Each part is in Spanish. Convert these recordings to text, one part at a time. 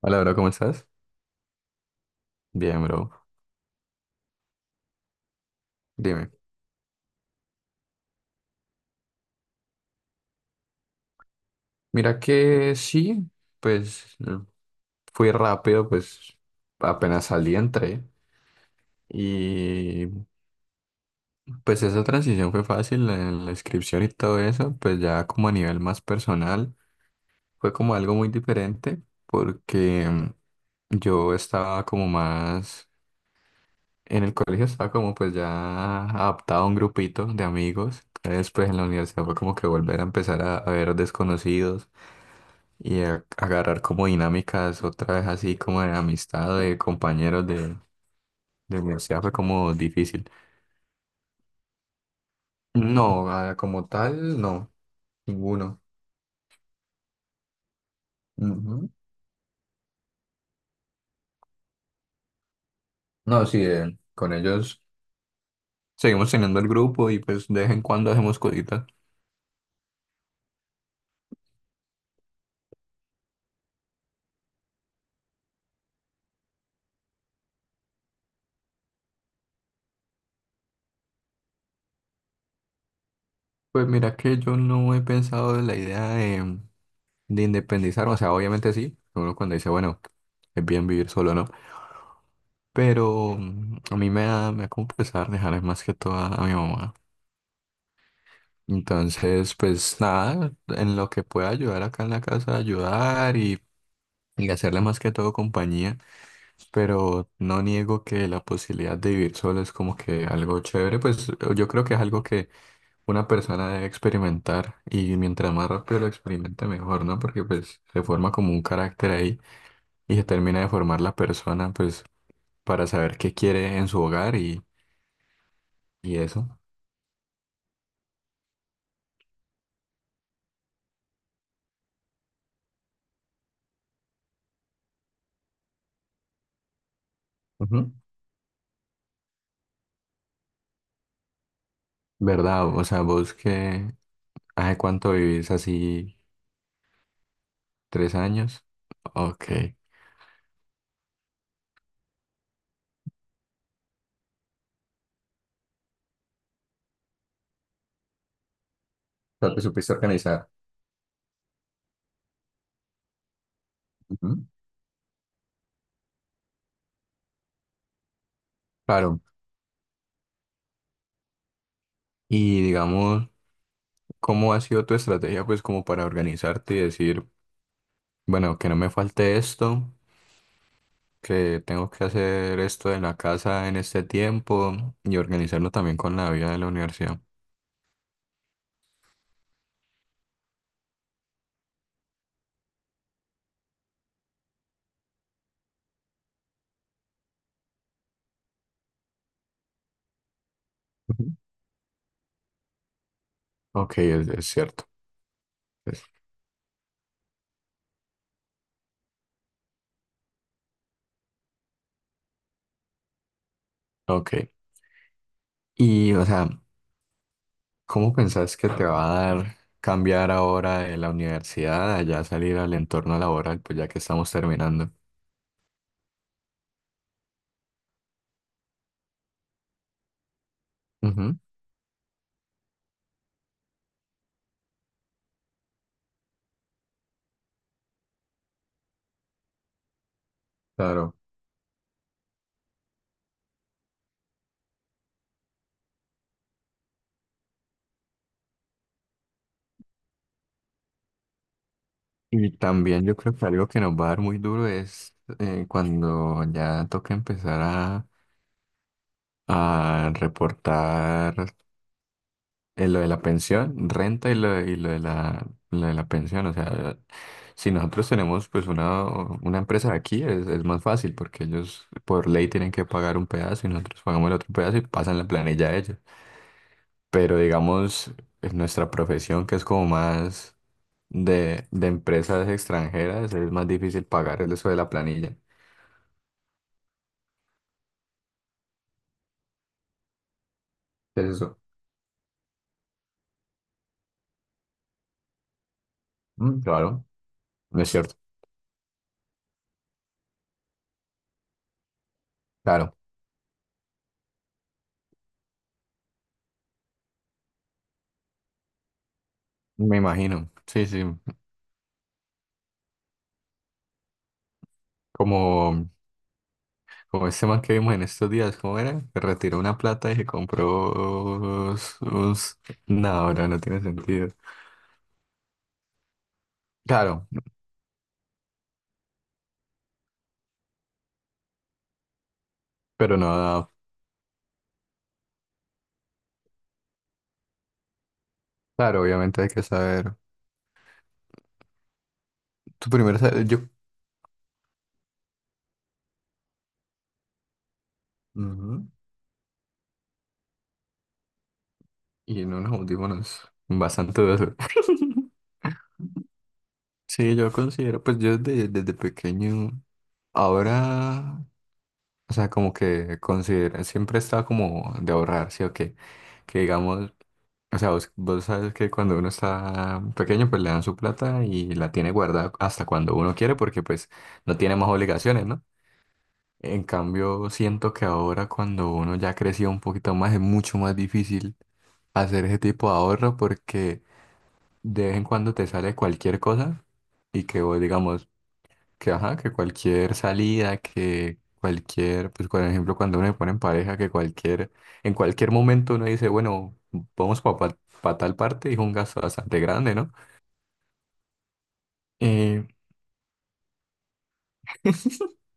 Hola, bro, ¿cómo estás? Bien, bro. Dime. Mira que sí, pues fui rápido, pues apenas salí, entré. Y pues esa transición fue fácil en la inscripción y todo eso, pues ya como a nivel más personal, fue como algo muy diferente porque yo estaba como más, en el colegio estaba como pues ya adaptado a un grupito de amigos. Después en la universidad fue como que volver a empezar a ver desconocidos y agarrar como dinámicas otra vez así como de amistad, de compañeros de universidad fue como difícil. No, como tal, no, ninguno. Ujú. No, sí, con ellos seguimos teniendo el grupo y pues de vez en cuando hacemos cositas. Pues mira que yo no he pensado en la idea de independizar, o sea, obviamente sí, uno cuando dice, bueno, es bien vivir solo, ¿no? Pero a mí me da como pesar dejarles más que todo a mi mamá. Entonces, pues nada, en lo que pueda ayudar acá en la casa, ayudar y hacerle más que todo compañía, pero no niego que la posibilidad de vivir solo es como que algo chévere, pues yo creo que es algo que una persona debe experimentar y mientras más rápido lo experimente mejor, ¿no? Porque pues se forma como un carácter ahí y se termina de formar la persona, pues para saber qué quiere en su hogar y eso. Ujú. ¿Verdad? O sea, vos que, ¿hace cuánto vivís así? 3 años. Ok. O sea, te supiste organizar. Ujú. Claro. Y digamos, ¿cómo ha sido tu estrategia, pues, como para organizarte y decir, bueno, que no me falte esto, que tengo que hacer esto en la casa en este tiempo y organizarlo también con la vida de la universidad? Ujú. Ok, es cierto. es- ok. Y, o sea, ¿cómo pensás que te va a dar cambiar ahora de la universidad, allá salir al entorno laboral, pues ya que estamos terminando? Ujú. Claro. Y también yo creo que algo que nos va a dar muy duro es cuando ya toca empezar a reportar lo de la pensión, renta y lo de la pensión. O sea, si nosotros tenemos pues una empresa aquí es más fácil porque ellos por ley tienen que pagar un pedazo y nosotros pagamos el otro pedazo y pasan la planilla a ellos. Pero digamos, en nuestra profesión que es como más de empresas extranjeras es más difícil pagar el eso de la planilla. ¿Qué es eso? Mm, claro, no es cierto. Claro, me imagino. Sí, sí. Como, como este man que vimos en estos días, ¿cómo era? Que retiró una plata y se compró sus unos... No, no, no tiene sentido. Claro, pero no, no. Claro, obviamente hay que saber. Tu primero, yo... Ujú. Y en unos audífonos bastante dudosos. Sí, yo considero, pues yo desde pequeño, ahora o sea, como que considera, siempre está como de ahorrar, ¿sí o qué? Que digamos, o sea, vos sabes que cuando uno está pequeño, pues le dan su plata y la tiene guardada hasta cuando uno quiere, porque pues no tiene más obligaciones, ¿no? En cambio, siento que ahora cuando uno ya creció un poquito más, es mucho más difícil hacer ese tipo de ahorro porque de vez en cuando te sale cualquier cosa y que vos, digamos, que, ajá, que cualquier salida, que cualquier, pues por ejemplo, cuando uno se pone en pareja, que cualquier, en cualquier momento uno dice, bueno, vamos para tal parte, y es un gasto bastante grande, ¿no? Eh,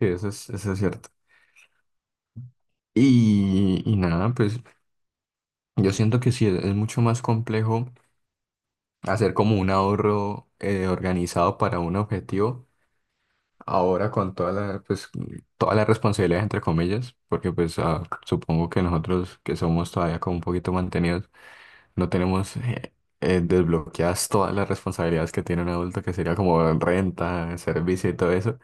Sí, eso es cierto. Y nada, pues yo siento que sí, es mucho más complejo hacer como un ahorro organizado para un objetivo ahora con toda la, pues, toda la responsabilidad, entre comillas, porque pues supongo que nosotros que somos todavía como un poquito mantenidos, no tenemos desbloqueadas todas las responsabilidades que tiene un adulto, que sería como renta, servicio y todo eso,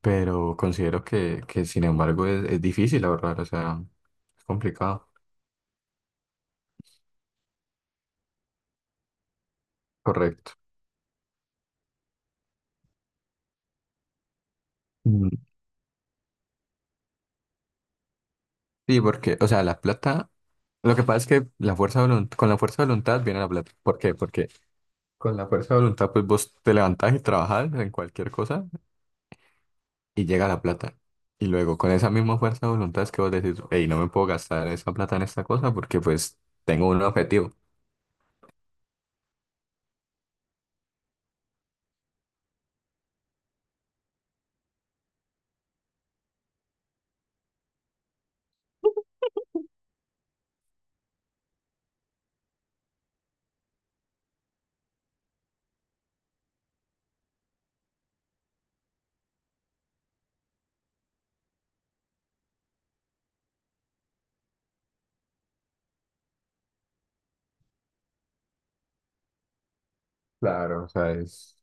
pero considero que sin embargo es difícil ahorrar, o sea, es complicado. Correcto. Mm, sí, porque, o sea, la plata, lo que pasa es que la fuerza de con la fuerza de voluntad viene la plata. ¿Por qué? Porque con la fuerza de voluntad, pues vos te levantás y trabajás en cualquier cosa y llega la plata. Y luego con esa misma fuerza de voluntad es que vos decís, hey, no me puedo gastar esa plata en esta cosa porque pues tengo un objetivo. Claro, o sea, es...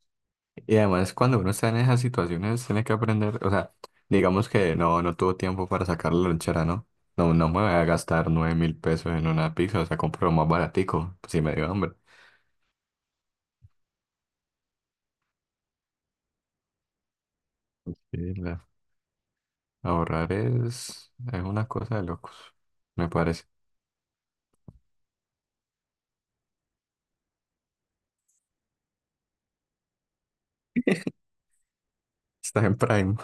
Y además cuando uno está en esas situaciones tiene que aprender, o sea, digamos que no, no tuvo tiempo para sacar la lonchera, ¿no? No, no me voy a gastar 9.000 pesos en una pizza, o sea, compro lo más baratico, si me dio hambre. Sí, la- ahorrar es una cosa de locos, me parece. Estás en Prime.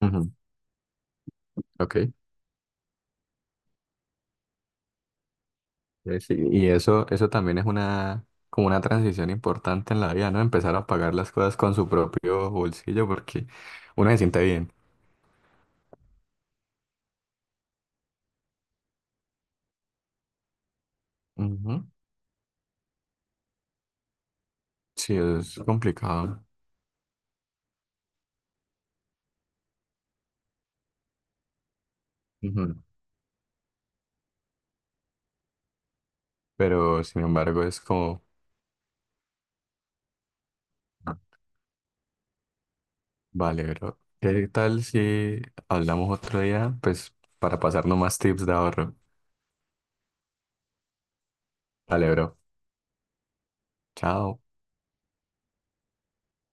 Ujú, ok. Sí, y eso también es una, como una transición importante en la vida, ¿no? Empezar a pagar las cosas con su propio bolsillo porque uno se siente bien. Ujú, sí, es complicado. Ujú, pero sin embargo es como, vale, pero ¿qué tal si hablamos otro día? Pues para pasarnos más tips de ahorro. Vale, bro. Chao.